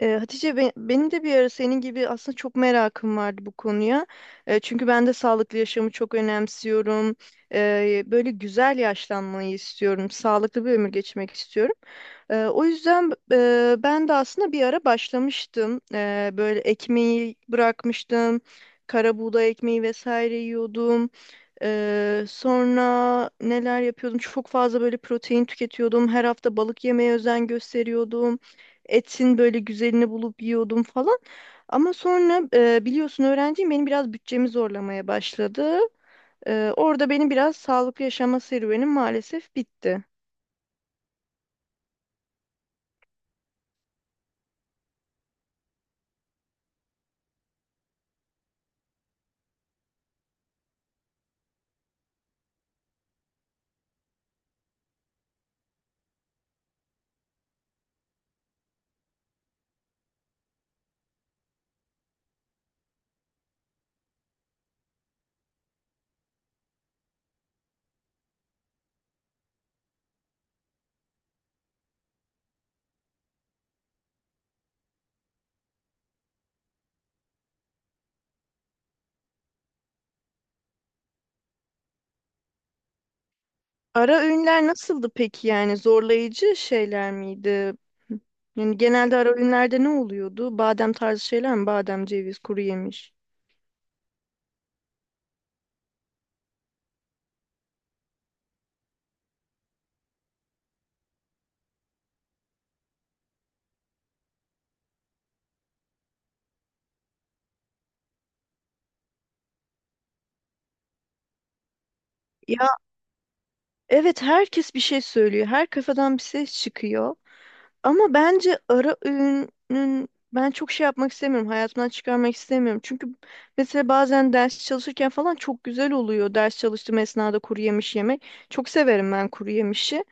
Hatice benim de bir ara senin gibi aslında çok merakım vardı bu konuya. Çünkü ben de sağlıklı yaşamı çok önemsiyorum. Böyle güzel yaşlanmayı istiyorum. Sağlıklı bir ömür geçirmek istiyorum. O yüzden ben de aslında bir ara başlamıştım. Böyle ekmeği bırakmıştım. Kara buğday ekmeği vesaire yiyordum. Sonra neler yapıyordum? Çok fazla böyle protein tüketiyordum. Her hafta balık yemeye özen gösteriyordum. Etin böyle güzelini bulup yiyordum falan. Ama sonra biliyorsun öğrenciyim, benim biraz bütçemi zorlamaya başladı. Orada benim biraz sağlıklı yaşama serüvenim maalesef bitti. Ara öğünler nasıldı peki, yani zorlayıcı şeyler miydi? Yani genelde ara öğünlerde ne oluyordu? Badem tarzı şeyler mi? Badem, ceviz, kuru yemiş. Evet, herkes bir şey söylüyor. Her kafadan bir ses çıkıyor. Ama bence ara öğünün ben çok şey yapmak istemiyorum. Hayatımdan çıkarmak istemiyorum. Çünkü mesela bazen ders çalışırken falan çok güzel oluyor. Ders çalıştığım esnada kuru yemiş yemek. Çok severim ben kuru yemişi.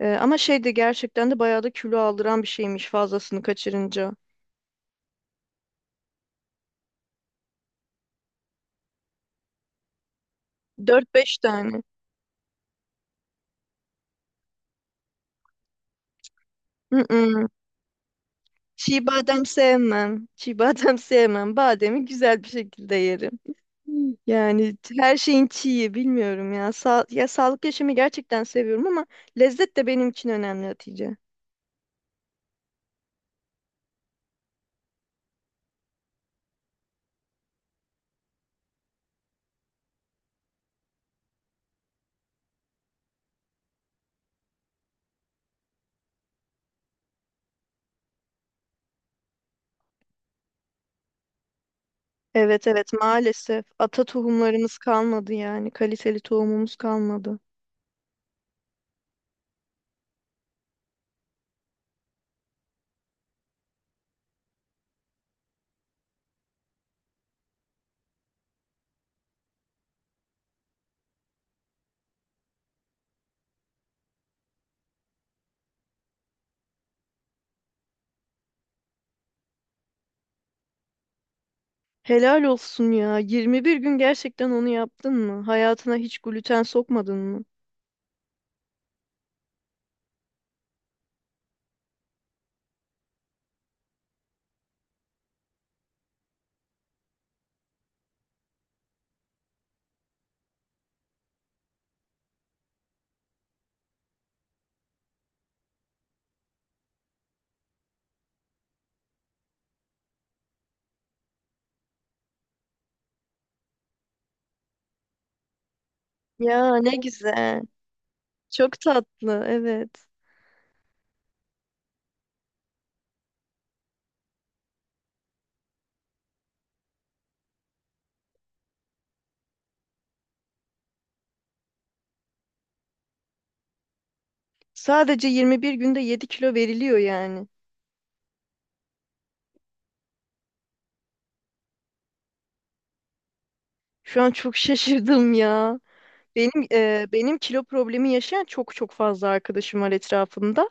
Ama şey de gerçekten de bayağı da kilo aldıran bir şeymiş fazlasını kaçırınca. Dört beş tane. Mm-mm. Çiğ badem sevmem. Çiğ badem sevmem. Bademi güzel bir şekilde yerim. Hmm. Yani her şeyin çiği, bilmiyorum ya. Ya sağlıklı yaşamı gerçekten seviyorum, ama lezzet de benim için önemli Hatice. Evet evet, maalesef ata tohumlarımız kalmadı, yani kaliteli tohumumuz kalmadı. Helal olsun ya. 21 gün gerçekten onu yaptın mı? Hayatına hiç gluten sokmadın mı? Ya ne güzel. Çok tatlı, evet. Sadece 21 günde 7 kilo veriliyor yani. Şu an çok şaşırdım ya. Benim kilo problemi yaşayan çok çok fazla arkadaşım var etrafımda.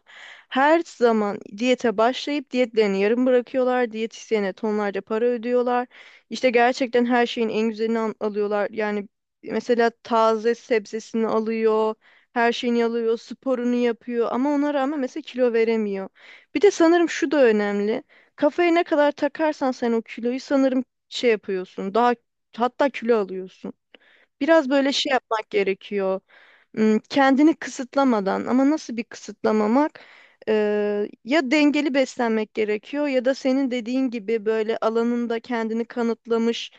Her zaman diyete başlayıp diyetlerini yarım bırakıyorlar. Diyetisyene tonlarca para ödüyorlar. İşte gerçekten her şeyin en güzelini alıyorlar. Yani mesela taze sebzesini alıyor, her şeyini alıyor, sporunu yapıyor ama ona rağmen mesela kilo veremiyor. Bir de sanırım şu da önemli. Kafaya ne kadar takarsan sen o kiloyu sanırım şey yapıyorsun. Daha, hatta kilo alıyorsun. Biraz böyle şey yapmak gerekiyor. Hmm. Kendini kısıtlamadan, ama nasıl bir kısıtlamamak? Ya dengeli beslenmek gerekiyor ya da senin dediğin gibi böyle alanında kendini kanıtlamış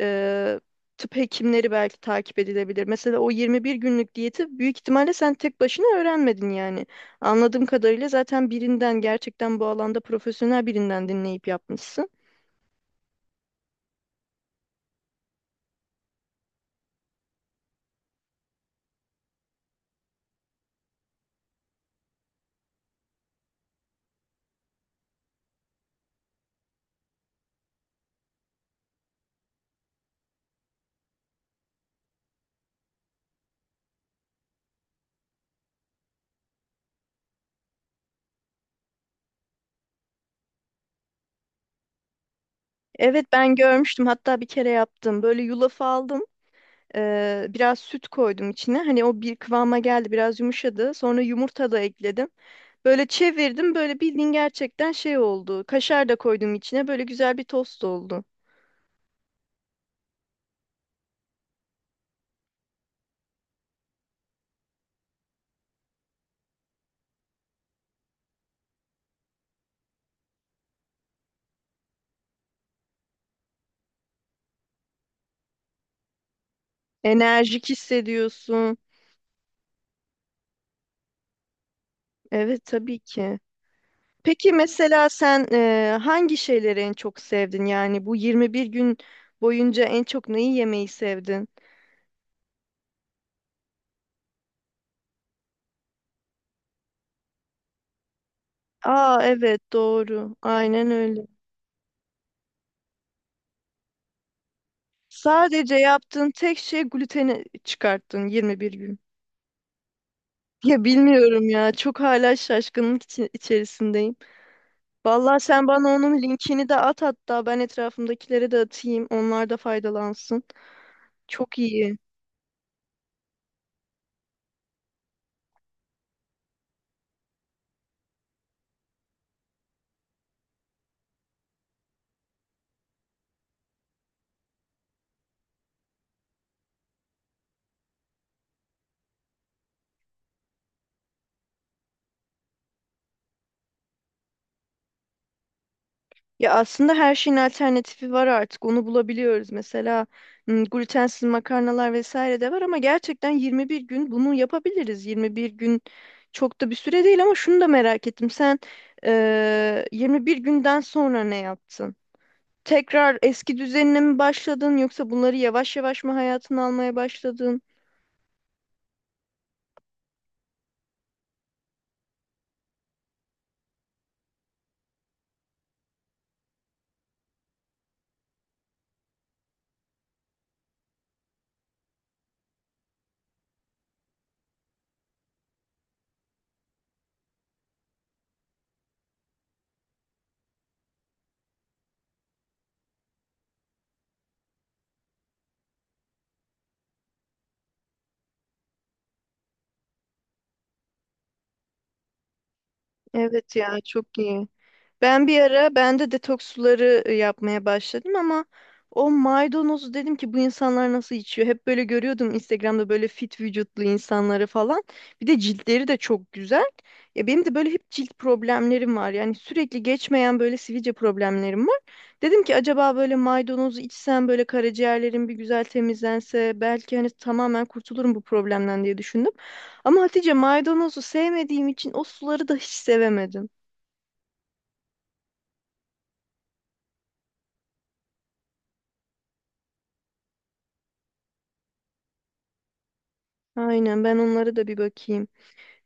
e, tıp hekimleri belki takip edilebilir. Mesela o 21 günlük diyeti büyük ihtimalle sen tek başına öğrenmedin yani. Anladığım kadarıyla zaten birinden, gerçekten bu alanda profesyonel birinden dinleyip yapmışsın. Evet, ben görmüştüm, hatta bir kere yaptım. Böyle yulaf aldım. Biraz süt koydum içine. Hani o bir kıvama geldi, biraz yumuşadı. Sonra yumurta da ekledim. Böyle çevirdim, böyle bildiğin gerçekten şey oldu. Kaşar da koydum içine. Böyle güzel bir tost oldu. Enerjik hissediyorsun. Evet, tabii ki. Peki mesela sen hangi şeyleri en çok sevdin? Yani bu 21 gün boyunca en çok neyi yemeyi sevdin? Aa evet, doğru. Aynen öyle. Sadece yaptığın tek şey gluteni çıkarttın 21 gün. Ya bilmiyorum ya. Çok hala şaşkınlık içerisindeyim. Vallahi sen bana onun linkini de at, hatta ben etrafımdakilere de atayım. Onlar da faydalansın. Çok iyi. Ya aslında her şeyin alternatifi var artık. Onu bulabiliyoruz. Mesela glutensiz makarnalar vesaire de var, ama gerçekten 21 gün bunu yapabiliriz. 21 gün çok da bir süre değil, ama şunu da merak ettim. Sen 21 günden sonra ne yaptın? Tekrar eski düzenine mi başladın, yoksa bunları yavaş yavaş mı hayatına almaya başladın? Evet ya, çok iyi. Ben bir ara ben de detoks suları yapmaya başladım, ama o maydanozu dedim ki bu insanlar nasıl içiyor? Hep böyle görüyordum Instagram'da böyle fit vücutlu insanları falan. Bir de ciltleri de çok güzel. Ya benim de böyle hep cilt problemlerim var. Yani sürekli geçmeyen böyle sivilce problemlerim var. Dedim ki acaba böyle maydanozu içsem böyle karaciğerlerim bir güzel temizlense, belki hani tamamen kurtulurum bu problemden diye düşündüm. Ama Hatice, maydanozu sevmediğim için o suları da hiç sevemedim. Aynen, ben onlara da bir bakayım.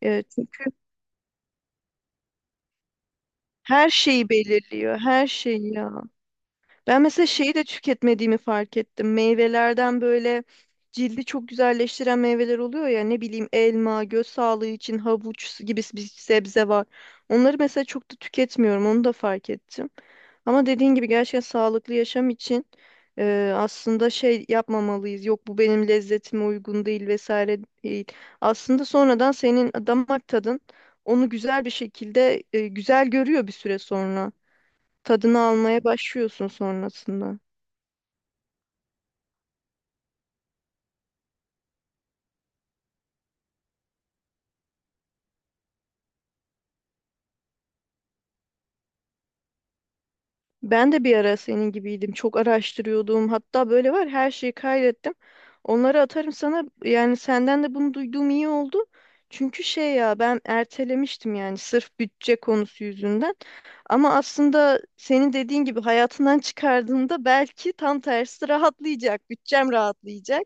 Evet. Çünkü her şeyi belirliyor. Her şeyi ya. Ben mesela şeyi de tüketmediğimi fark ettim. Meyvelerden böyle cildi çok güzelleştiren meyveler oluyor ya, ne bileyim elma, göz sağlığı için havuç gibi bir sebze var. Onları mesela çok da tüketmiyorum, onu da fark ettim. Ama dediğin gibi gerçekten sağlıklı yaşam için aslında şey yapmamalıyız. Yok bu benim lezzetime uygun değil vesaire değil. Aslında sonradan senin damak tadın onu güzel bir şekilde güzel görüyor bir süre sonra. Tadını almaya başlıyorsun sonrasında. Ben de bir ara senin gibiydim. Çok araştırıyordum. Hatta böyle var, her şeyi kaydettim. Onları atarım sana. Yani senden de bunu duyduğum iyi oldu. Çünkü şey ya, ben ertelemiştim yani sırf bütçe konusu yüzünden. Ama aslında senin dediğin gibi hayatından çıkardığında belki tam tersi rahatlayacak. Bütçem rahatlayacak.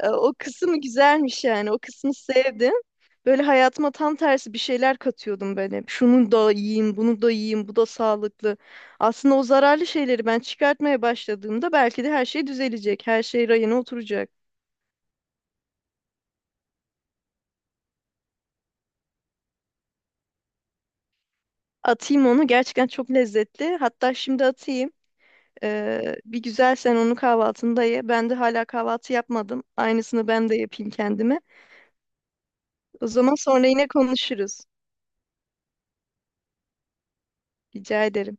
O kısmı güzelmiş yani. O kısmı sevdim. Böyle hayatıma tam tersi bir şeyler katıyordum ben hep. Şunu da yiyeyim, bunu da yiyeyim, bu da sağlıklı. Aslında o zararlı şeyleri ben çıkartmaya başladığımda belki de her şey düzelecek. Her şey rayına oturacak. Atayım onu. Gerçekten çok lezzetli. Hatta şimdi atayım. Bir güzel sen onu kahvaltında ye. Ben de hala kahvaltı yapmadım. Aynısını ben de yapayım kendime. O zaman sonra yine konuşuruz. Rica ederim.